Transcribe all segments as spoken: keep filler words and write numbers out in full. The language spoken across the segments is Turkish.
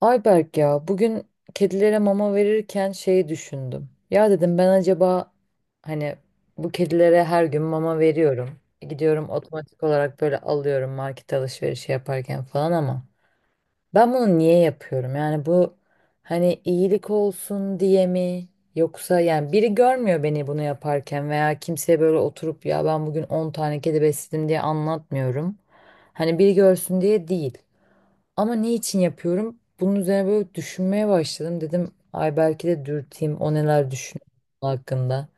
Ayberk, ya bugün kedilere mama verirken şeyi düşündüm. Ya dedim ben acaba hani bu kedilere her gün mama veriyorum. Gidiyorum otomatik olarak böyle alıyorum, market alışverişi yaparken falan, ama ben bunu niye yapıyorum? Yani bu hani iyilik olsun diye mi? Yoksa yani biri görmüyor beni bunu yaparken veya kimseye böyle oturup ya ben bugün on tane kedi besledim diye anlatmıyorum. Hani biri görsün diye değil. Ama ne için yapıyorum? Bunun üzerine böyle düşünmeye başladım. Dedim ay belki de dürteyim, o neler düşünüyor bunun hakkında.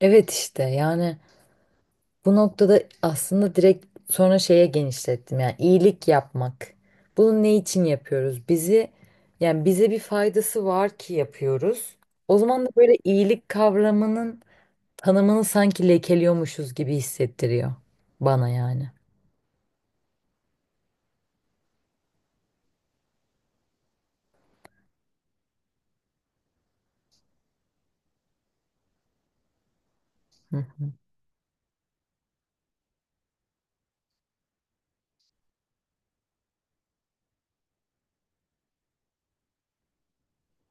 Evet işte yani bu noktada aslında direkt sonra şeye genişlettim. Yani iyilik yapmak. Bunu ne için yapıyoruz? Bizi, yani bize bir faydası var ki yapıyoruz. O zaman da böyle iyilik kavramının tanımını sanki lekeliyormuşuz gibi hissettiriyor bana yani. Hı hı.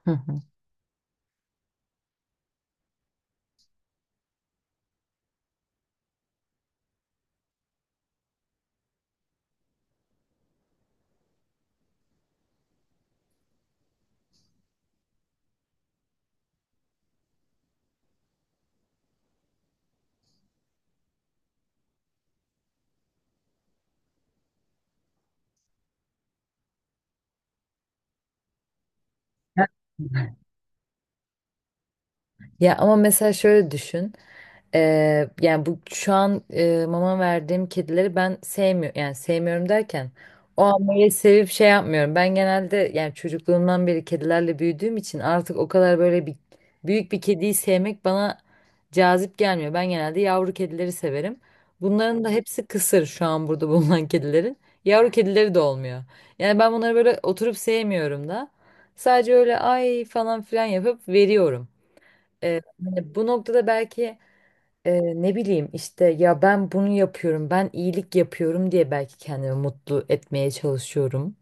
Hı hı. Ya ama mesela şöyle düşün. Ee, yani bu şu an e, mama verdiğim kedileri ben sevmiyorum, yani sevmiyorum derken o amayı sevip şey yapmıyorum. Ben genelde yani çocukluğumdan beri kedilerle büyüdüğüm için artık o kadar böyle bir büyük bir kediyi sevmek bana cazip gelmiyor. Ben genelde yavru kedileri severim. Bunların da hepsi kısır şu an burada bulunan kedilerin. Yavru kedileri de olmuyor. Yani ben bunları böyle oturup sevmiyorum da. Sadece öyle ay falan filan yapıp veriyorum. Ee, hani bu noktada belki e, ne bileyim işte ya ben bunu yapıyorum, ben iyilik yapıyorum diye belki kendimi mutlu etmeye çalışıyorum.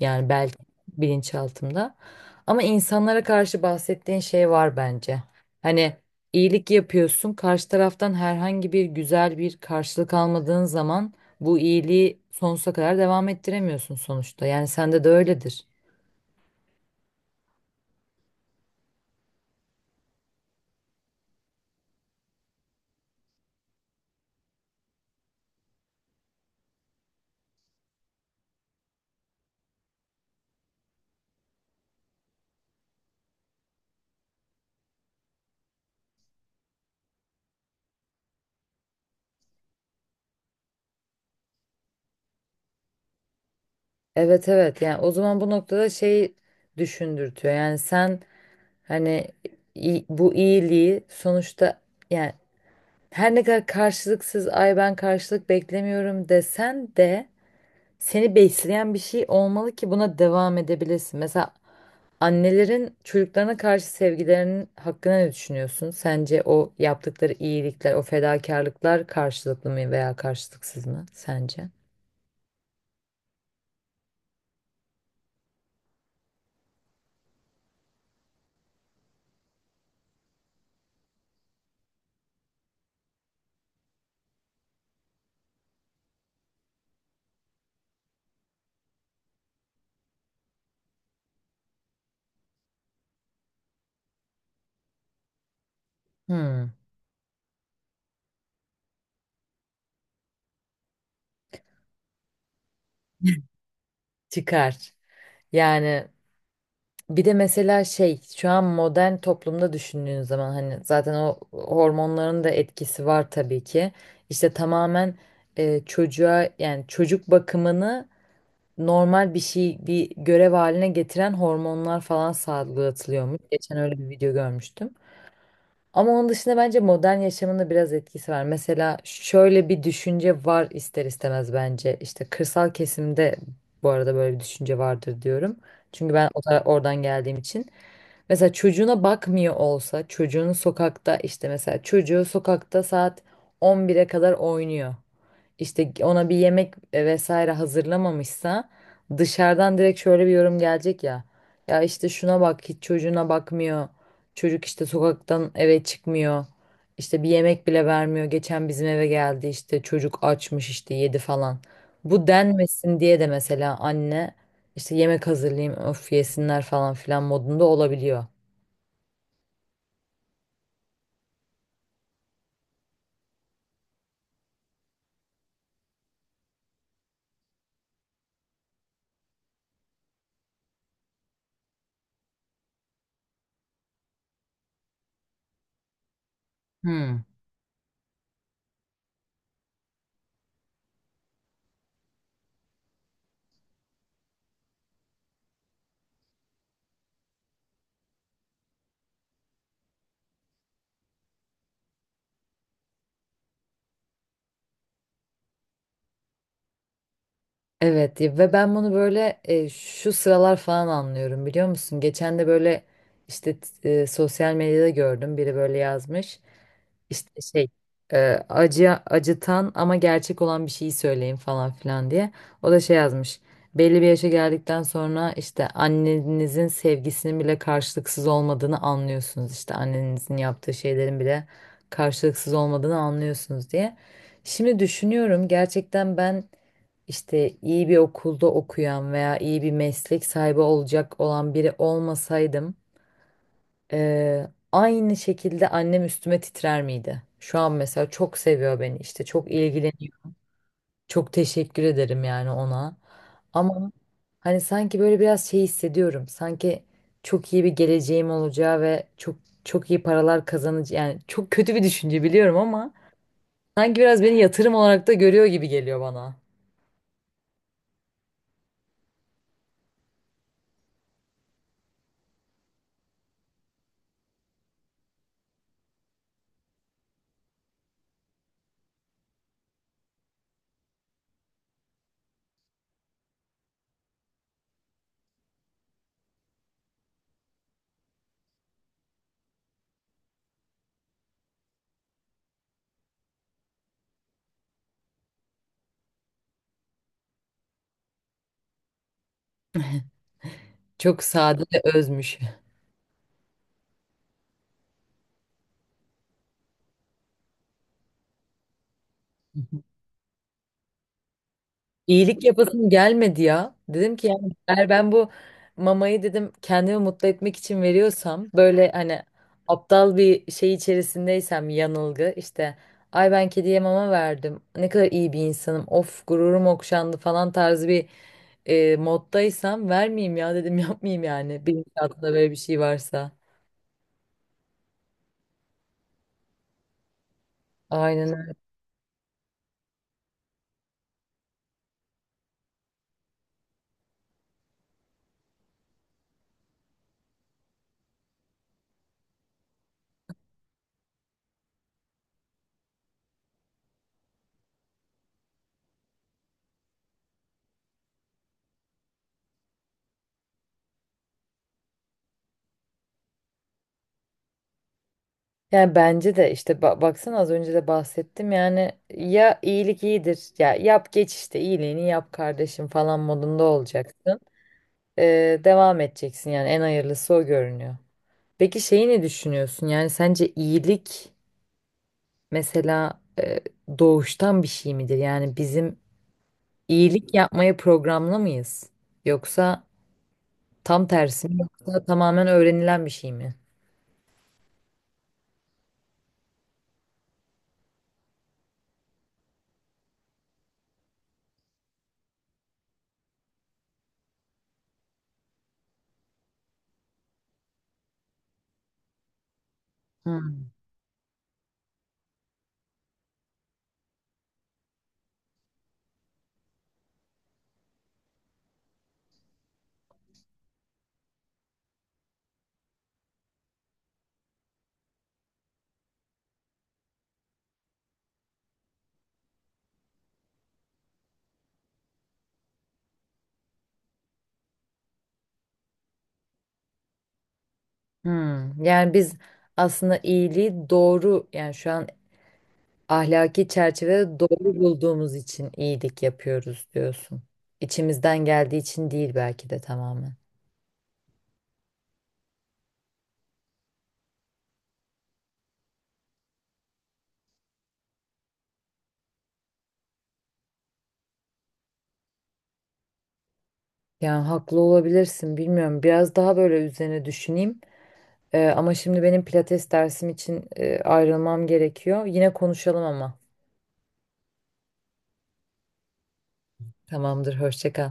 Yani belki bilinçaltımda. Ama insanlara karşı bahsettiğin şey var bence. Hani iyilik yapıyorsun, karşı taraftan herhangi bir güzel bir karşılık almadığın zaman bu iyiliği sonsuza kadar devam ettiremiyorsun sonuçta. Yani sende de öyledir. Evet evet yani o zaman bu noktada şey düşündürtüyor. Yani sen, hani i- bu iyiliği sonuçta, yani her ne kadar karşılıksız ay ben karşılık beklemiyorum desen de seni besleyen bir şey olmalı ki buna devam edebilesin. Mesela annelerin çocuklarına karşı sevgilerinin hakkında ne düşünüyorsun? Sence o yaptıkları iyilikler, o fedakarlıklar karşılıklı mı veya karşılıksız mı sence? Hmm, çıkar. Yani bir de mesela şey şu an modern toplumda düşündüğün zaman hani zaten o hormonların da etkisi var tabii ki. İşte tamamen e, çocuğa, yani çocuk bakımını normal bir şey, bir görev haline getiren hormonlar falan salgılatılıyormuş. Geçen öyle bir video görmüştüm. Ama onun dışında bence modern yaşamında biraz etkisi var. Mesela şöyle bir düşünce var ister istemez bence. İşte kırsal kesimde, bu arada böyle bir düşünce vardır diyorum. Çünkü ben o tara- oradan geldiğim için. Mesela çocuğuna bakmıyor olsa, çocuğunu sokakta, işte mesela çocuğu sokakta saat on bire kadar oynuyor, işte ona bir yemek e, vesaire hazırlamamışsa, dışarıdan direkt şöyle bir yorum gelecek ya. Ya işte şuna bak, hiç çocuğuna bakmıyor. Çocuk işte sokaktan eve çıkmıyor. İşte bir yemek bile vermiyor. Geçen bizim eve geldi, işte çocuk açmış işte yedi falan. Bu denmesin diye de mesela anne işte yemek hazırlayayım, öf yesinler falan filan modunda olabiliyor. Hmm. Evet ya, ve ben bunu böyle e, şu sıralar falan anlıyorum, biliyor musun? Geçen de böyle işte t- e, sosyal medyada gördüm, biri böyle yazmış. İşte şey e, acı, acıtan ama gerçek olan bir şeyi söyleyin falan filan diye. O da şey yazmış. Belli bir yaşa geldikten sonra işte annenizin sevgisinin bile karşılıksız olmadığını anlıyorsunuz. İşte annenizin yaptığı şeylerin bile karşılıksız olmadığını anlıyorsunuz diye. Şimdi düşünüyorum gerçekten ben, işte iyi bir okulda okuyan veya iyi bir meslek sahibi olacak olan biri olmasaydım, eee, aynı şekilde annem üstüme titrer miydi? Şu an mesela çok seviyor beni, işte çok ilgileniyor. Çok teşekkür ederim yani ona. Ama hani sanki böyle biraz şey hissediyorum. Sanki çok iyi bir geleceğim olacağı ve çok çok iyi paralar kazanacağım, yani çok kötü bir düşünce biliyorum ama sanki biraz beni yatırım olarak da görüyor gibi geliyor bana. Çok sade ve özmüş. İyilik yapasım gelmedi ya. Dedim ki yani eğer ben bu mamayı, dedim, kendimi mutlu etmek için veriyorsam, böyle hani aptal bir şey içerisindeysem, yanılgı işte ay ben kediye mama verdim ne kadar iyi bir insanım of gururum okşandı falan tarzı bir e, moddaysam vermeyeyim ya, dedim, yapmayayım yani, bilinçaltında böyle bir şey varsa. Aynen. Yani bence de işte ba- baksana az önce de bahsettim yani ya iyilik iyidir ya yap geç, işte iyiliğini yap kardeşim falan modunda olacaksın. Ee, devam edeceksin yani, en hayırlısı o görünüyor. Peki şeyi ne düşünüyorsun, yani sence iyilik mesela e, doğuştan bir şey midir? Yani bizim iyilik yapmaya programlı mıyız? Yoksa tam tersi mi, yoksa tamamen öğrenilen bir şey mi? Hmm. Hmm. Yani biz aslında iyiliği doğru, yani şu an ahlaki çerçevede doğru bulduğumuz için iyilik yapıyoruz diyorsun. İçimizden geldiği için değil belki de tamamen. Yani haklı olabilirsin, bilmiyorum. Biraz daha böyle üzerine düşüneyim. Ee, ama şimdi benim pilates dersim için e, ayrılmam gerekiyor. Yine konuşalım ama. Tamamdır, hoşça kal.